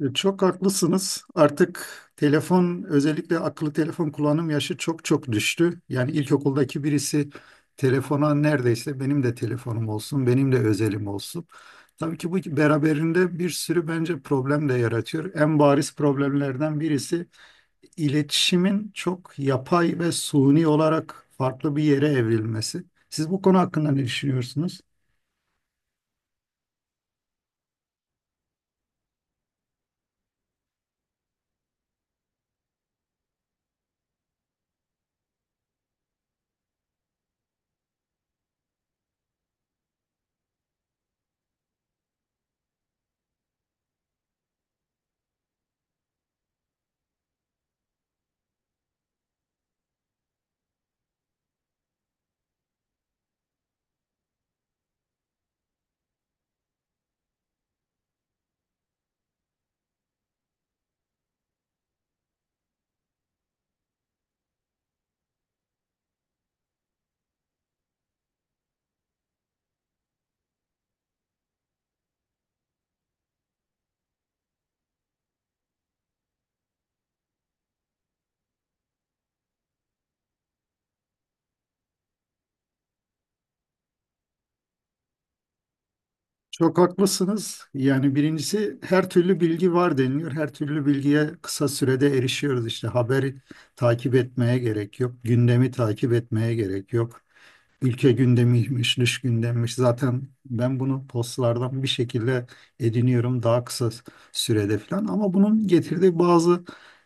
Çok haklısınız. Artık telefon, özellikle akıllı telefon kullanım yaşı çok çok düştü. Yani ilkokuldaki birisi telefona neredeyse benim de telefonum olsun, benim de özelim olsun. Tabii ki bu beraberinde bir sürü bence problem de yaratıyor. En bariz problemlerden birisi iletişimin çok yapay ve suni olarak farklı bir yere evrilmesi. Siz bu konu hakkında ne düşünüyorsunuz? Çok haklısınız. Yani birincisi her türlü bilgi var deniliyor. Her türlü bilgiye kısa sürede erişiyoruz. İşte haberi takip etmeye gerek yok. Gündemi takip etmeye gerek yok. Ülke gündemiymiş, dış gündemmiş. Zaten ben bunu postlardan bir şekilde ediniyorum daha kısa sürede falan. Ama bunun getirdiği bazı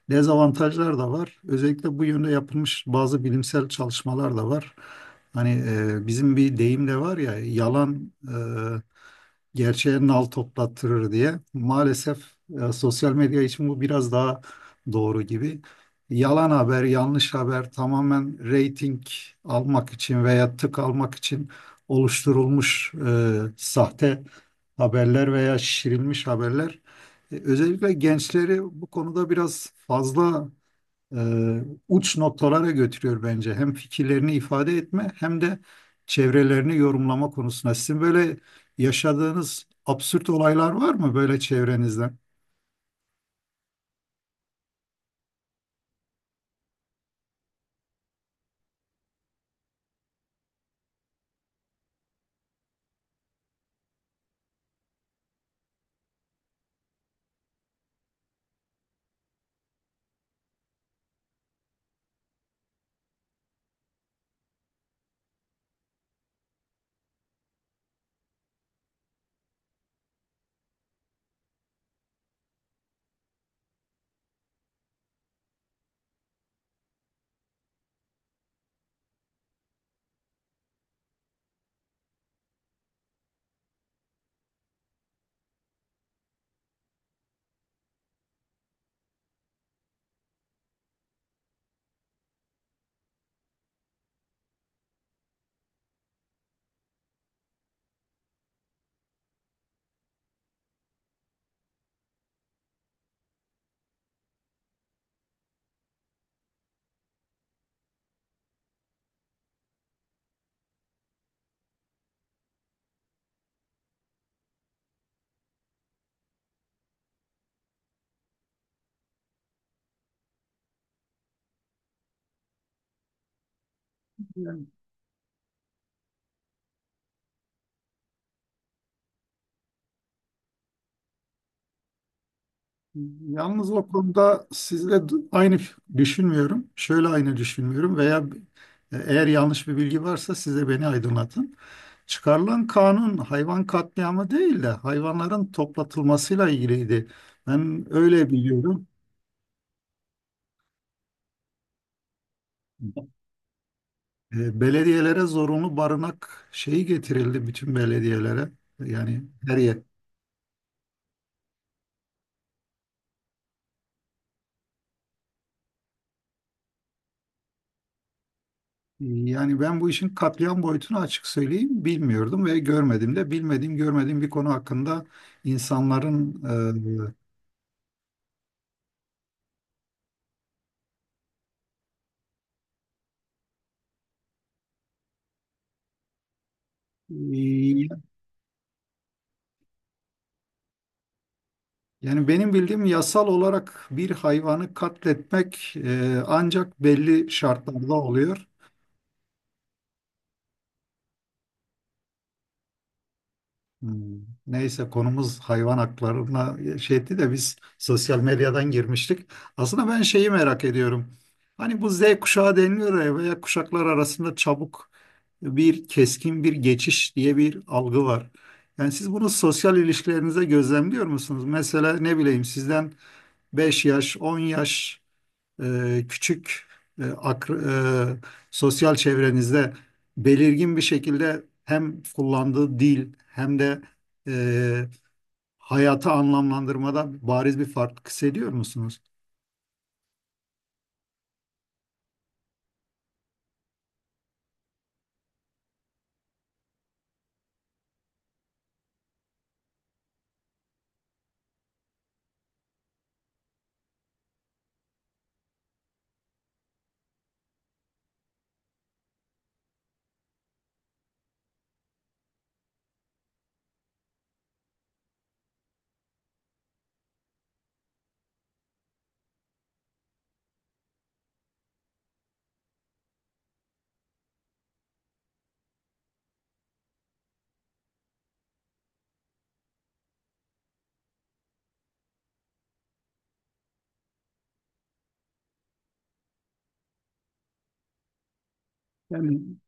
dezavantajlar da var. Özellikle bu yönde yapılmış bazı bilimsel çalışmalar da var. Hani bizim bir deyim de var ya, yalan gerçeğe nal toplattırır diye. Maalesef sosyal medya için bu biraz daha doğru gibi. Yalan haber, yanlış haber tamamen reyting almak için veya tık almak için oluşturulmuş sahte haberler veya şişirilmiş haberler. Özellikle gençleri bu konuda biraz fazla e, uç noktalara götürüyor bence. Hem fikirlerini ifade etme hem de çevrelerini yorumlama konusunda. Sizin böyle yaşadığınız absürt olaylar var mı böyle çevrenizden? Yalnız o konuda sizle aynı düşünmüyorum. Şöyle aynı düşünmüyorum veya eğer yanlış bir bilgi varsa siz de beni aydınlatın. Çıkarılan kanun hayvan katliamı değil de hayvanların toplatılmasıyla ilgiliydi. Ben öyle biliyorum. Belediyelere zorunlu barınak şeyi getirildi bütün belediyelere. Yani her yer. Yani ben bu işin katliam boyutunu açık söyleyeyim bilmiyordum ve görmedim de bilmediğim görmediğim bir konu hakkında insanların e, e, Yani benim bildiğim yasal olarak bir hayvanı katletmek ancak belli şartlarda oluyor. Hmm. Neyse konumuz hayvan haklarına şey etti de biz sosyal medyadan girmiştik. Aslında ben şeyi merak ediyorum. Hani bu Z kuşağı deniliyor ya veya kuşaklar arasında çabuk bir keskin bir geçiş diye bir algı var. Yani siz bunu sosyal ilişkilerinize gözlemliyor musunuz? Mesela ne bileyim sizden 5 yaş, 10 yaş küçük e, akr- e, sosyal çevrenizde belirgin bir şekilde hem kullandığı dil hem de e, hayatı anlamlandırmada bariz bir fark hissediyor musunuz? Yani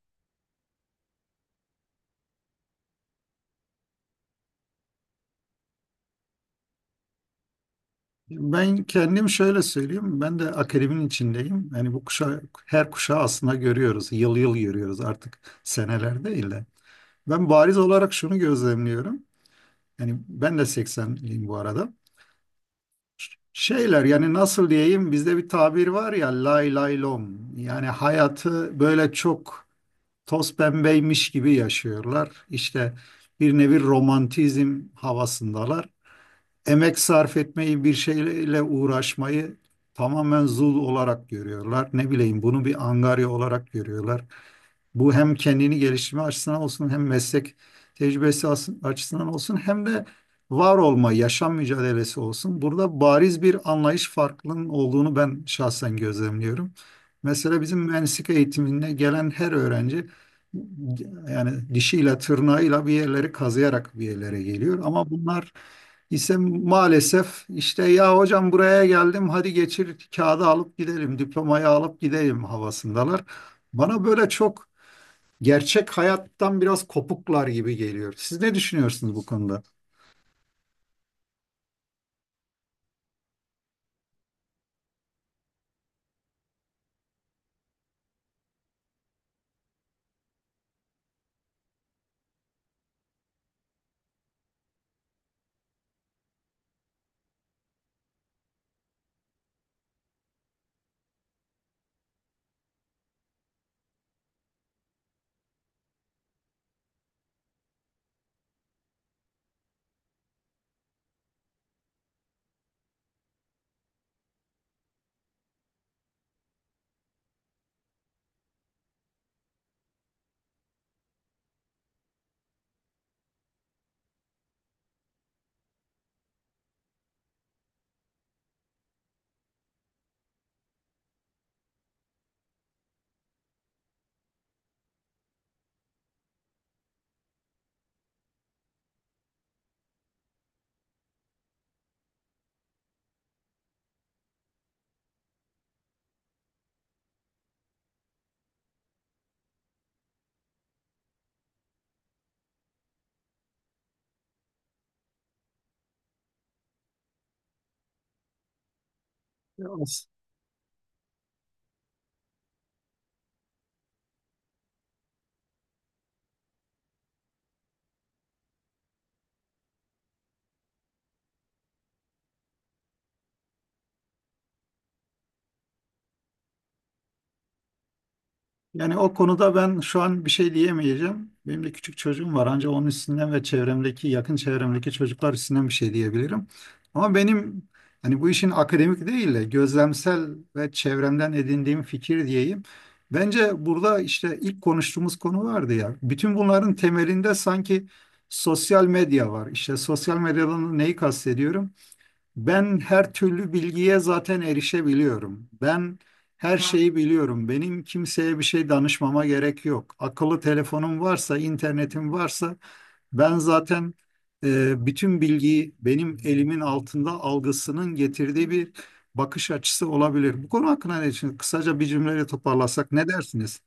ben kendim şöyle söyleyeyim, ben de akademinin içindeyim. Yani her kuşağı aslında görüyoruz, yıl yıl görüyoruz artık seneler değil de. Ben bariz olarak şunu gözlemliyorum. Yani ben de 80'liyim bu arada. Şeyler yani nasıl diyeyim bizde bir tabir var ya lay lay lom yani hayatı böyle çok toz pembeymiş gibi yaşıyorlar. İşte bir nevi romantizm havasındalar, emek sarf etmeyi, bir şeyle uğraşmayı tamamen zul olarak görüyorlar. Ne bileyim bunu bir angarya olarak görüyorlar. Bu hem kendini geliştirme açısından olsun hem meslek açısından olsun hem de var olma, yaşam mücadelesi olsun. Burada bariz bir anlayış farklılığının olduğunu ben şahsen gözlemliyorum. Mesela bizim mühendislik eğitimine gelen her öğrenci yani dişiyle tırnağıyla bir yerleri kazıyarak bir yerlere geliyor ama bunlar ise maalesef işte ya hocam buraya geldim hadi geçir kağıdı alıp gidelim diplomayı alıp gidelim havasındalar. Bana böyle çok gerçek hayattan biraz kopuklar gibi geliyor. Siz ne düşünüyorsunuz bu konuda? Yani o konuda ben şu an bir şey diyemeyeceğim. Benim de küçük çocuğum var. Ancak onun üstünden ve çevremdeki, yakın çevremdeki çocuklar üstünden bir şey diyebilirim. Ama benim hani bu işin akademik değil de gözlemsel ve çevremden edindiğim fikir diyeyim. Bence burada işte ilk konuştuğumuz konu vardı ya. Bütün bunların temelinde sanki sosyal medya var. İşte sosyal medyadan neyi kastediyorum? Ben her türlü bilgiye zaten erişebiliyorum. Ben her şeyi biliyorum. Benim kimseye bir şey danışmama gerek yok. Akıllı telefonum varsa, internetim varsa ben zaten bütün bilgiyi benim elimin altında algısının getirdiği bir bakış açısı olabilir. Bu konu hakkında ne düşünüyorsun? Kısaca bir cümleyle toparlasak ne dersiniz?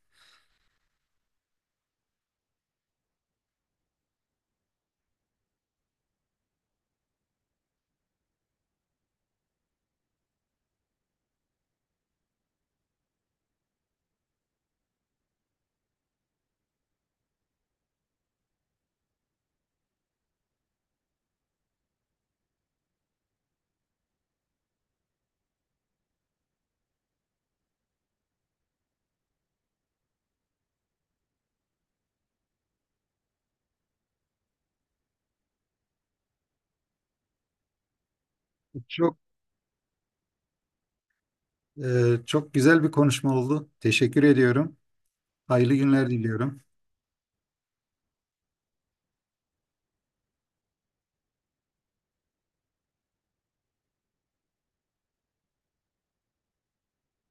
Çok e, Çok güzel bir konuşma oldu. Teşekkür ediyorum. Hayırlı günler diliyorum.